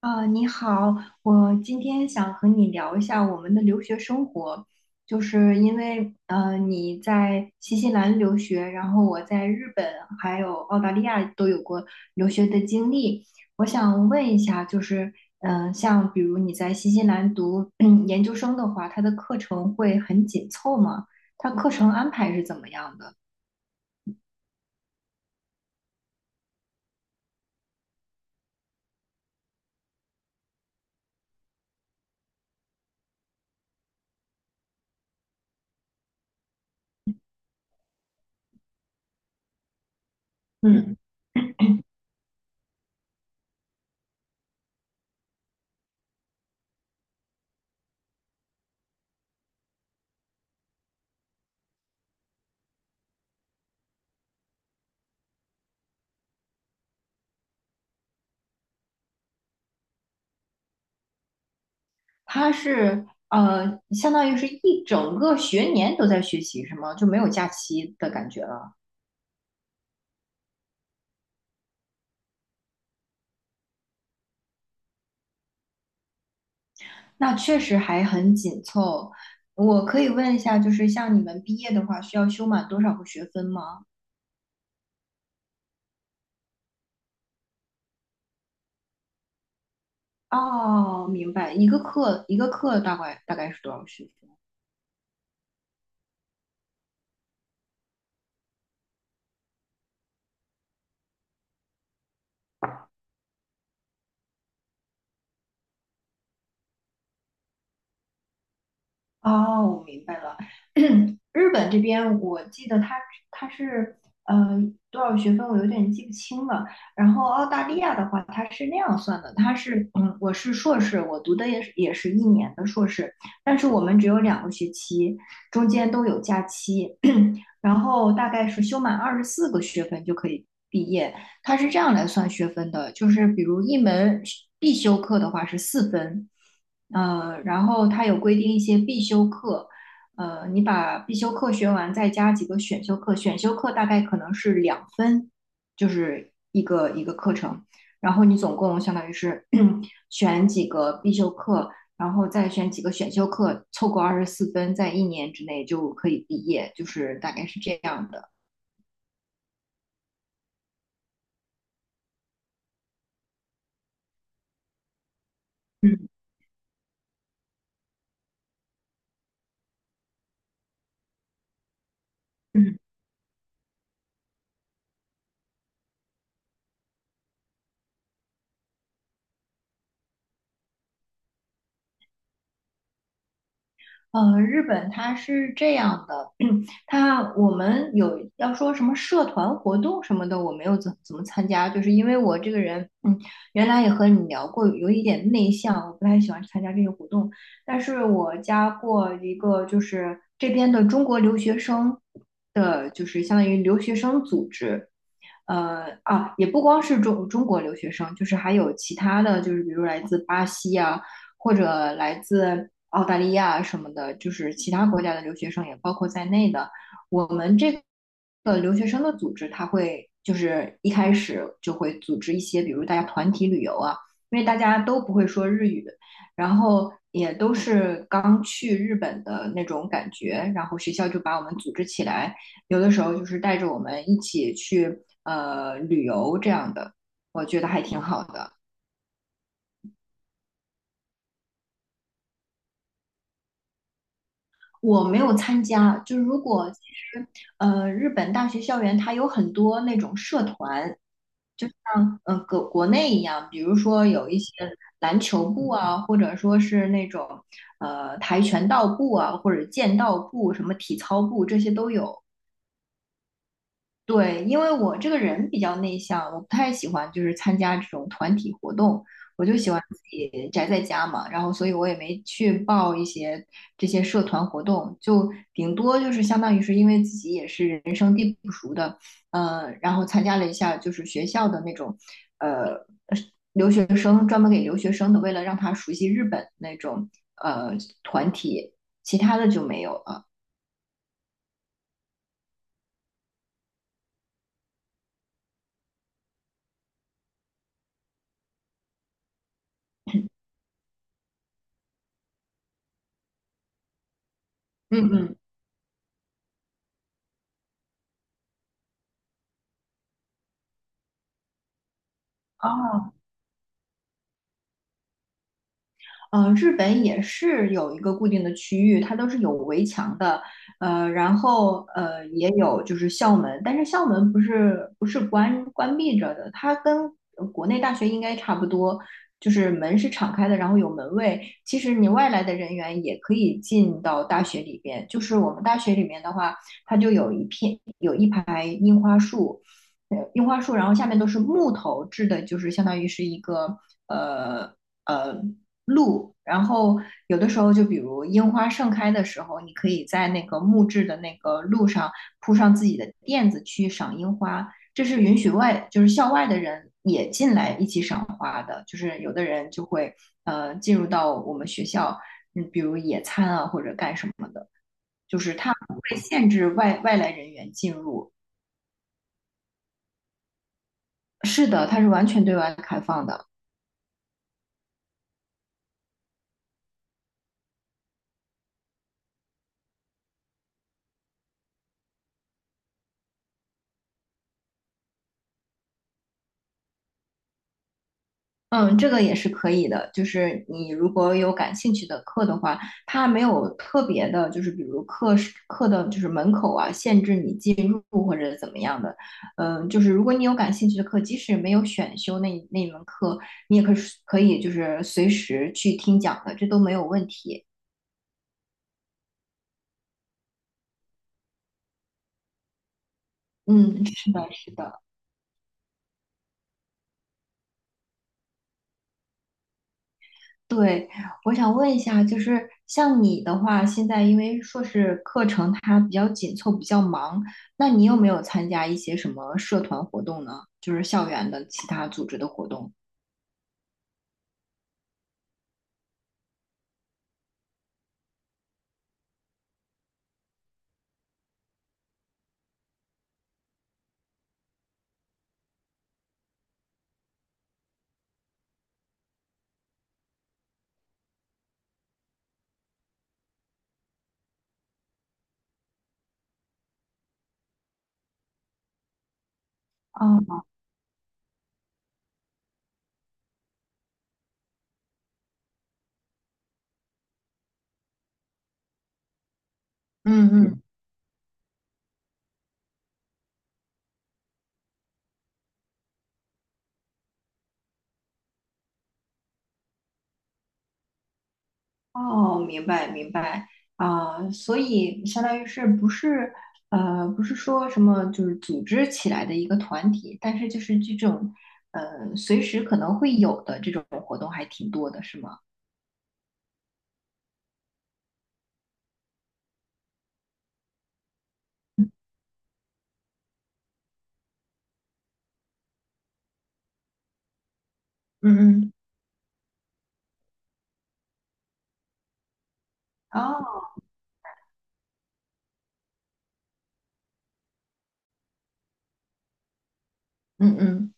啊，你好，我今天想和你聊一下我们的留学生活，就是因为你在新西兰留学，然后我在日本还有澳大利亚都有过留学的经历。我想问一下，就是像比如你在新西兰读 研究生的话，它的课程会很紧凑吗？它课程安排是怎么样的？嗯。它是相当于是一整个学年都在学习，是吗？就没有假期的感觉了。那确实还很紧凑。我可以问一下，就是像你们毕业的话，需要修满多少个学分吗？哦，明白，一个课一个课大概是多少学分？哦，我明白了。日本这边，我记得它是呃多少学分，我有点记不清了。然后澳大利亚的话，它是那样算的，它是我是硕士，我读的也是一年的硕士，但是我们只有2个学期，中间都有假期。然后大概是修满24个学分就可以毕业。它是这样来算学分的，就是比如一门必修课的话是四分，然后它有规定一些必修课，你把必修课学完，再加几个选修课，选修课大概可能是2分，就是一个一个课程，然后你总共相当于是 选几个必修课，然后再选几个选修课，凑够24分，在一年之内就可以毕业，就是大概是这样的。嗯嗯。日本它是这样的，它我们有要说什么社团活动什么的，我没有怎么参加，就是因为我这个人，原来也和你聊过，有一点内向，我不太喜欢参加这些活动。但是我加过一个，就是这边的中国留学生的，就是相当于留学生组织，也不光是中国留学生，就是还有其他的，就是比如来自巴西啊，或者来自澳大利亚什么的，就是其他国家的留学生也包括在内的。我们这个留学生的组织，它会就是一开始就会组织一些，比如大家团体旅游啊，因为大家都不会说日语，然后也都是刚去日本的那种感觉，然后学校就把我们组织起来。有的时候就是带着我们一起去旅游这样的，我觉得还挺好的。我没有参加，就是如果其实日本大学校园它有很多那种社团，像国内一样，比如说有一些篮球部啊，或者说是那种跆拳道部啊，或者剑道部、什么体操部这些都有。对，因为我这个人比较内向，我不太喜欢就是参加这种团体活动，我就喜欢自己宅在家嘛，然后所以我也没去报一些这些社团活动，就顶多就是相当于是因为自己也是人生地不熟的，然后参加了一下就是学校的那种，呃，留学生专门给留学生的，为了让他熟悉日本那种呃团体，其他的就没有了。嗯嗯。哦。嗯，日本也是有一个固定的区域，它都是有围墙的，然后也有就是校门，但是校门不是关闭着的，它跟国内大学应该差不多，就是门是敞开的，然后有门卫。其实你外来的人员也可以进到大学里边，就是我们大学里面的话，它就有一片有一排樱花树，樱花树，然后下面都是木头制的，就是相当于是一个呃。呃路，然后有的时候就比如樱花盛开的时候，你可以在那个木质的那个路上铺上自己的垫子去赏樱花，这是允许外就是校外的人也进来一起赏花的，就是有的人就会进入到我们学校，比如野餐啊或者干什么的，就是它不会限制外来人员进入。是的，它是完全对外开放的。嗯，这个也是可以的。就是你如果有感兴趣的课的话，它没有特别的，就是比如课时课的，就是门口啊，限制你进入或者怎么样的。就是如果你有感兴趣的课，即使没有选修那一门课，你也可以就是随时去听讲的，这都没有问题。嗯，是的，是的。对。我想问一下，就是像你的话，现在因为硕士课程它比较紧凑，比较忙，那你有没有参加一些什么社团活动呢？就是校园的其他组织的活动？哦，嗯嗯，哦，明白明白啊，所以相当于是不是不是说什么就是组织起来的一个团体，但是就是这种随时可能会有的这种活动还挺多的，是吗？嗯嗯。哦。嗯嗯。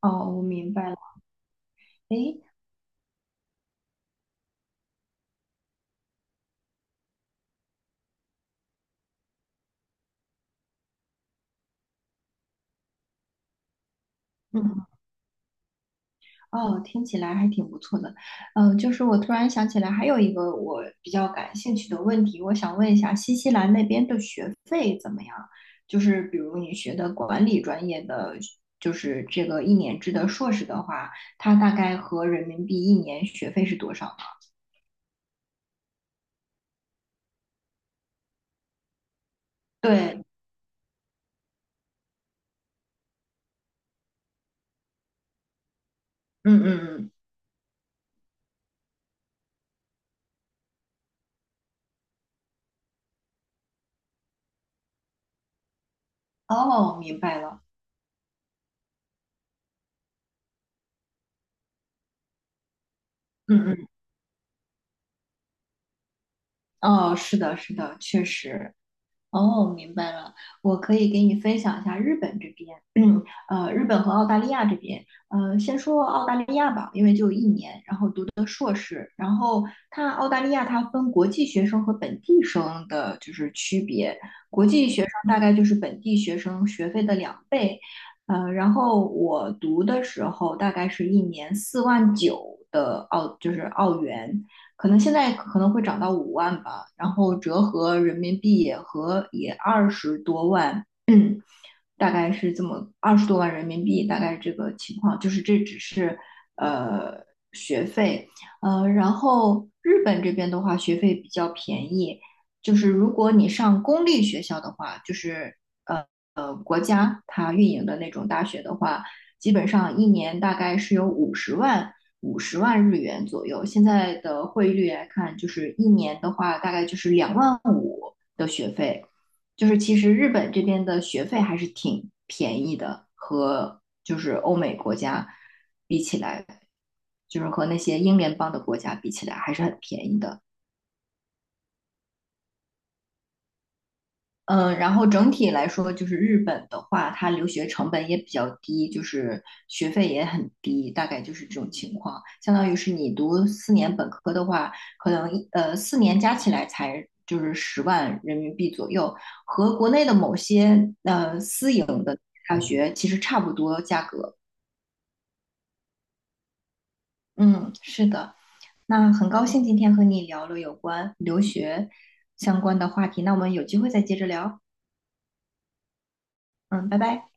哦，我明白了。诶。嗯嗯。哦，听起来还挺不错的。就是我突然想起来，还有一个我比较感兴趣的问题。我想问一下，新西兰那边的学费怎么样？就是比如你学的管理专业的，就是这个一年制的硕士的话，它大概合人民币一年学费是多少呢？对。嗯嗯嗯。哦，明白了。嗯嗯。哦，是的，是的，确实。哦，明白了。我可以给你分享一下日本这边，日本和澳大利亚这边，先说澳大利亚吧，因为就一年，然后读的硕士，然后它澳大利亚它分国际学生和本地生的就是区别，国际学生大概就是本地学生学费的两倍，然后我读的时候大概是一年4万9的澳，就是澳元，可能现在可能会涨到5万吧，然后折合人民币也和也二十多万，大概是这么二十多万人民币，大概这个情况，就是这只是呃学费，然后日本这边的话学费比较便宜，就是如果你上公立学校的话，就是呃国家它运营的那种大学的话，基本上一年大概是有五十万。五十万日元左右，现在的汇率来看，就是一年的话，大概就是2万5的学费。就是其实日本这边的学费还是挺便宜的，和就是欧美国家比起来，就是和那些英联邦的国家比起来，还是很便宜的。嗯，然后整体来说，就是日本的话，它留学成本也比较低，就是学费也很低，大概就是这种情况。相当于是你读四年本科的话，可能四年加起来才就是十万人民币左右，和国内的某些私营的大学其实差不多价格。嗯，是的。那很高兴今天和你聊了有关留学相关的话题，那我们有机会再接着聊。嗯，拜拜。